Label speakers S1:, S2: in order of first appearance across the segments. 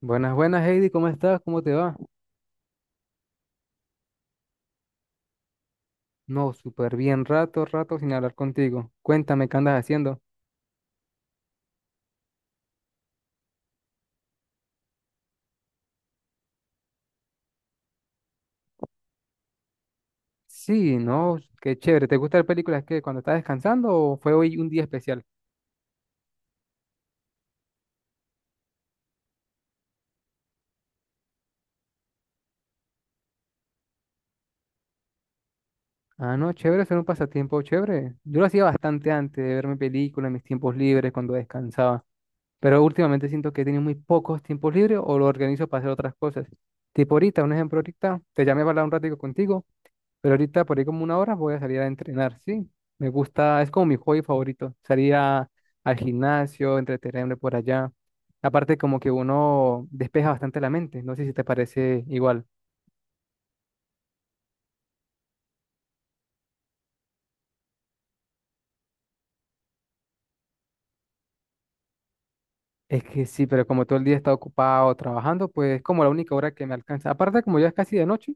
S1: Buenas, buenas, Heidi, ¿cómo estás? ¿Cómo te va? No, súper bien, rato, rato sin hablar contigo. Cuéntame, ¿qué andas haciendo? Sí, no, qué chévere. ¿Te gustan las películas que cuando estás descansando o fue hoy un día especial? Ah, no, chévere, ser un pasatiempo chévere. Yo lo hacía bastante antes de verme películas en mis tiempos libres, cuando descansaba. Pero últimamente siento que he tenido muy pocos tiempos libres o lo organizo para hacer otras cosas. Tipo ahorita, un ejemplo ahorita, te llamé para hablar un ratico contigo. Pero ahorita por ahí como una hora voy a salir a entrenar, sí. Me gusta, es como mi hobby favorito. Salir al gimnasio, entretenerme por allá. Aparte como que uno despeja bastante la mente. No sé si te parece igual. Es que sí, pero como todo el día he estado ocupado trabajando, pues es como la única hora que me alcanza. Aparte como ya es casi de noche,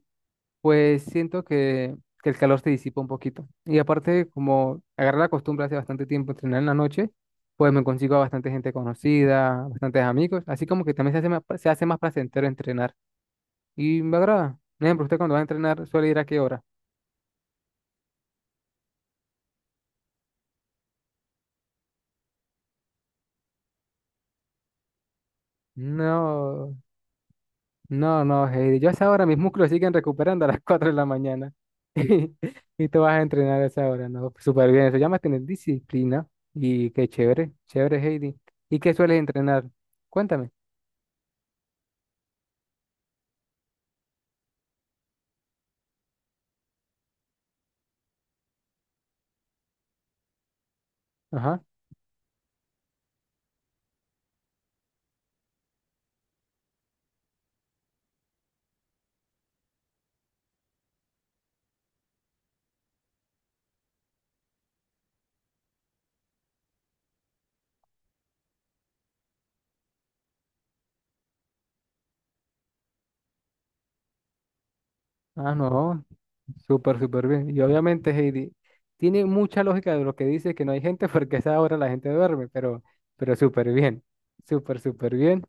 S1: pues siento que el calor se disipa un poquito. Y aparte, como agarré la costumbre hace bastante tiempo de entrenar en la noche, pues me consigo a bastante gente conocida, bastantes amigos, así como que también se hace más placentero entrenar. Y me agrada. Por ejemplo, ¿usted cuando va a entrenar suele ir a qué hora? No, no, no, Heidi. Yo a esa hora mis músculos siguen recuperando a las 4 de la mañana. Y tú vas a entrenar a esa hora, ¿no? Súper bien. Eso llama tener disciplina. Y qué chévere, chévere, Heidi. ¿Y qué sueles entrenar? Cuéntame. Ajá. Ah, no, súper, súper bien. Y obviamente, Heidi, tiene mucha lógica de lo que dice que no hay gente porque a esa hora la gente duerme, pero súper bien, súper, súper bien.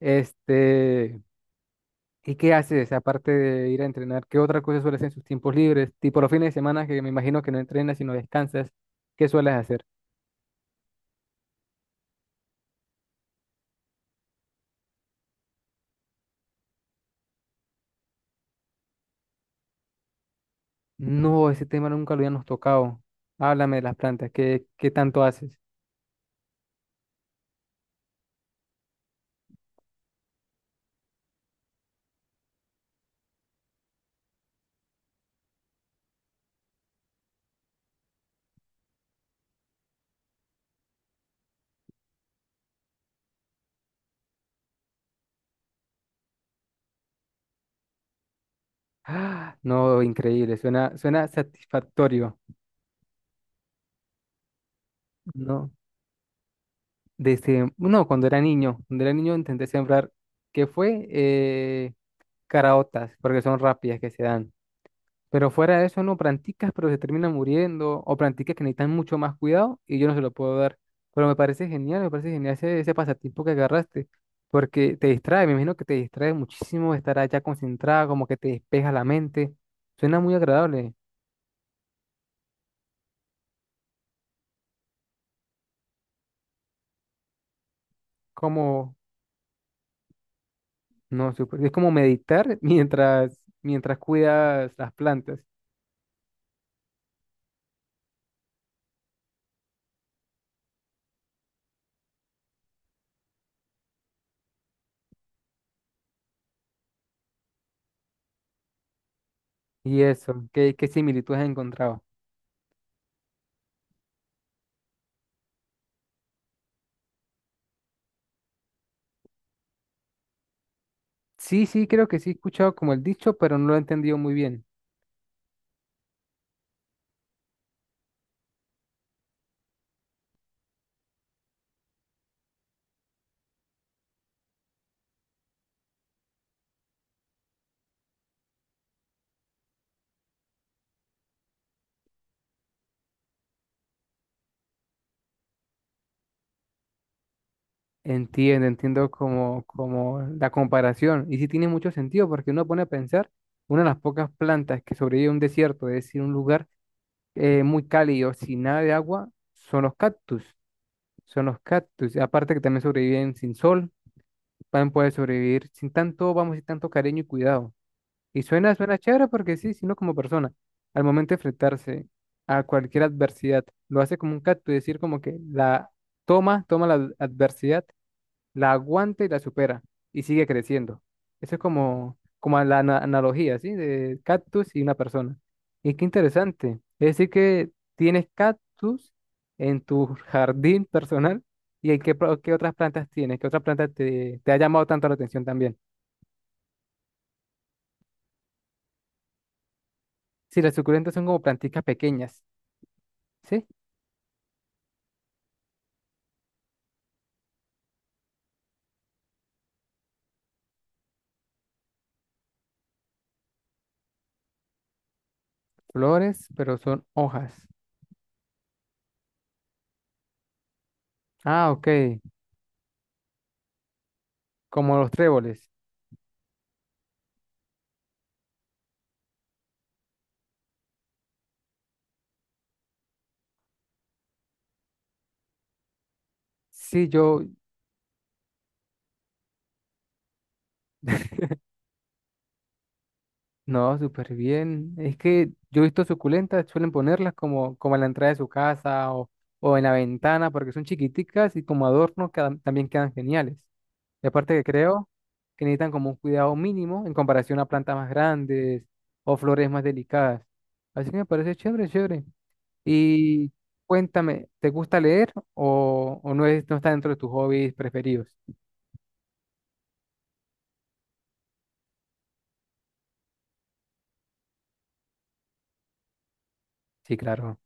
S1: Este, ¿y qué haces aparte de ir a entrenar? ¿Qué otra cosa sueles hacer en sus tiempos libres? Tipo los fines de semana, que me imagino que no entrenas, sino descansas. ¿Qué sueles hacer? No, ese tema nunca lo habíamos tocado. Háblame de las plantas, ¿qué tanto haces? Ah, no, increíble, suena satisfactorio. No. No, cuando era niño, intenté sembrar, que fue caraotas, porque son rápidas que se dan. Pero fuera de eso, no, planticas, pero se terminan muriendo, o planticas que necesitan mucho más cuidado y yo no se lo puedo dar. Pero me parece genial ese pasatiempo que agarraste, porque te distrae, me imagino que te distrae muchísimo estar allá concentrada, como que te despeja la mente. Suena muy agradable, como, no, es como meditar mientras cuidas las plantas. Y eso, ¿qué similitud has encontrado? Sí, sí, creo que sí he escuchado como el dicho, pero no lo he entendido muy bien. Entiendo, entiendo como la comparación. Y sí tiene mucho sentido, porque uno pone a pensar, una de las pocas plantas que sobrevive a un desierto, es decir, un lugar muy cálido, sin nada de agua, son los cactus. Son los cactus, y aparte que también sobreviven sin sol, también pueden sobrevivir sin tanto, vamos, sin tanto cariño y cuidado. Y suena chévere porque sí, sino como persona, al momento de enfrentarse a cualquier adversidad, lo hace como un cactus, decir como que la toma la adversidad, la aguanta y la supera y sigue creciendo. Eso es como, la analogía, ¿sí? De cactus y una persona. Y qué interesante. Es decir que tienes cactus en tu jardín personal y en qué otras plantas tienes, qué otras plantas te ha llamado tanto la atención también. Sí, las suculentas son como plantitas pequeñas. ¿Sí? Flores, pero son hojas. Ah, ok. Como los tréboles. Sí, yo, no, súper bien. Es que yo he visto suculentas, suelen ponerlas como en la entrada de su casa o en la ventana, porque son chiquiticas y como adornos también quedan geniales. Y aparte que creo que necesitan como un cuidado mínimo en comparación a plantas más grandes o flores más delicadas. Así que me parece chévere, chévere. Y cuéntame, ¿te gusta leer o no está dentro de tus hobbies preferidos? Sí, claro.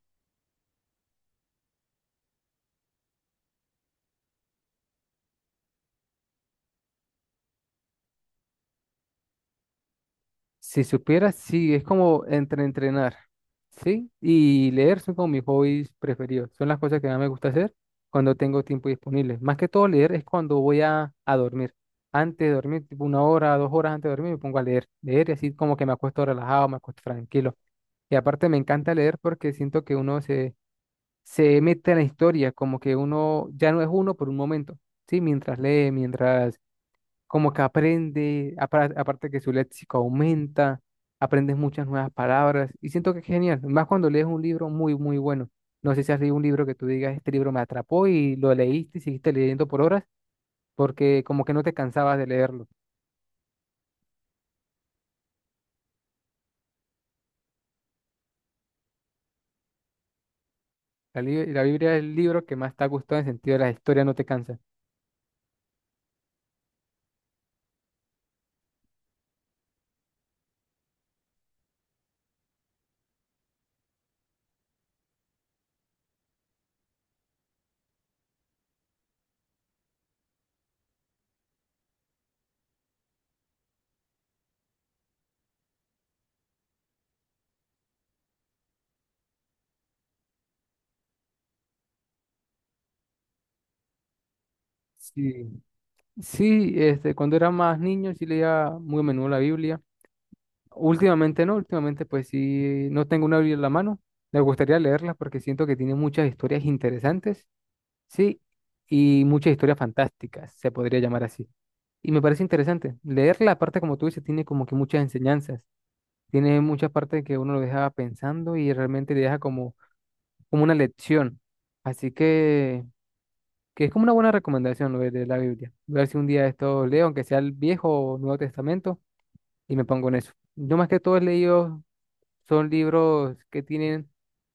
S1: Si supieras, sí, es como entre entrenar, ¿sí? Y leer son como mis hobbies preferidos. Son las cosas que más me gusta hacer cuando tengo tiempo disponible. Más que todo leer es cuando voy a dormir. Antes de dormir, tipo una hora, 2 horas antes de dormir, me pongo a leer. Leer y así como que me acuesto relajado, me acuesto tranquilo. Y aparte me encanta leer porque siento que uno se mete en la historia, como que uno ya no es uno por un momento, ¿sí? Mientras lee, mientras como que aprende, aparte que su léxico aumenta, aprendes muchas nuevas palabras y siento que es genial, más cuando lees un libro muy, muy bueno. No sé si has leído un libro que tú digas, este libro me atrapó y lo leíste y seguiste leyendo por horas porque como que no te cansabas de leerlo. La Biblia es el libro que más te ha gustado en el sentido de la historia, no te cansa. Sí, sí, este, cuando era más niño sí leía muy a menudo la Biblia. Últimamente no, últimamente pues sí, no tengo una Biblia en la mano. Me gustaría leerla porque siento que tiene muchas historias interesantes, sí, y muchas historias fantásticas, se podría llamar así. Y me parece interesante. Leerla, aparte como tú dices, tiene como que muchas enseñanzas, tiene muchas partes que uno lo deja pensando y realmente le deja como, una lección. Así que es como una buena recomendación lo de la Biblia. Voy a ver si un día esto leo, aunque sea el Viejo o Nuevo Testamento, y me pongo en eso. Yo más que todo he leído son libros que tienen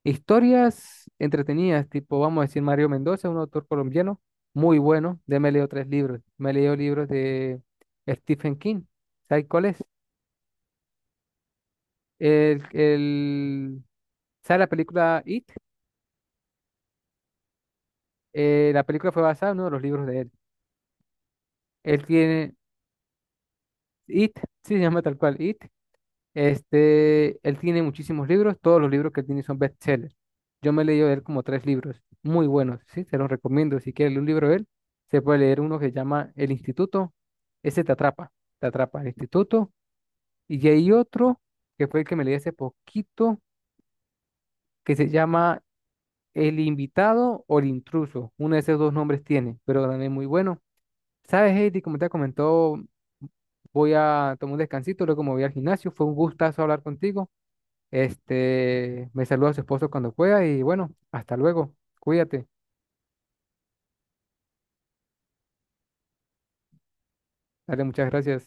S1: historias entretenidas, tipo, vamos a decir, Mario Mendoza, un autor colombiano muy bueno. Ya me leo tres libros. Me leo libros de Stephen King. ¿Sabes cuál es? El, el, ¿Sabe la película It? La película fue basada en uno de los libros de él. Él tiene It, sí, se llama tal cual It. Este, él tiene muchísimos libros, todos los libros que tiene son bestsellers. Yo me he leído de él como tres libros, muy buenos, sí, se los recomiendo. Si quieres leer un libro de él, se puede leer uno que se llama El Instituto, ese te atrapa El Instituto. Y hay otro que fue el que me leí hace poquito, que se llama El Invitado o El Intruso. Uno de esos dos nombres tiene, pero también es muy bueno. ¿Sabes, Heidi? Como te comentó, voy a tomar un descansito, luego me voy al gimnasio. Fue un gustazo hablar contigo. Este, me saluda a su esposo cuando pueda y bueno, hasta luego. Cuídate. Dale, muchas gracias.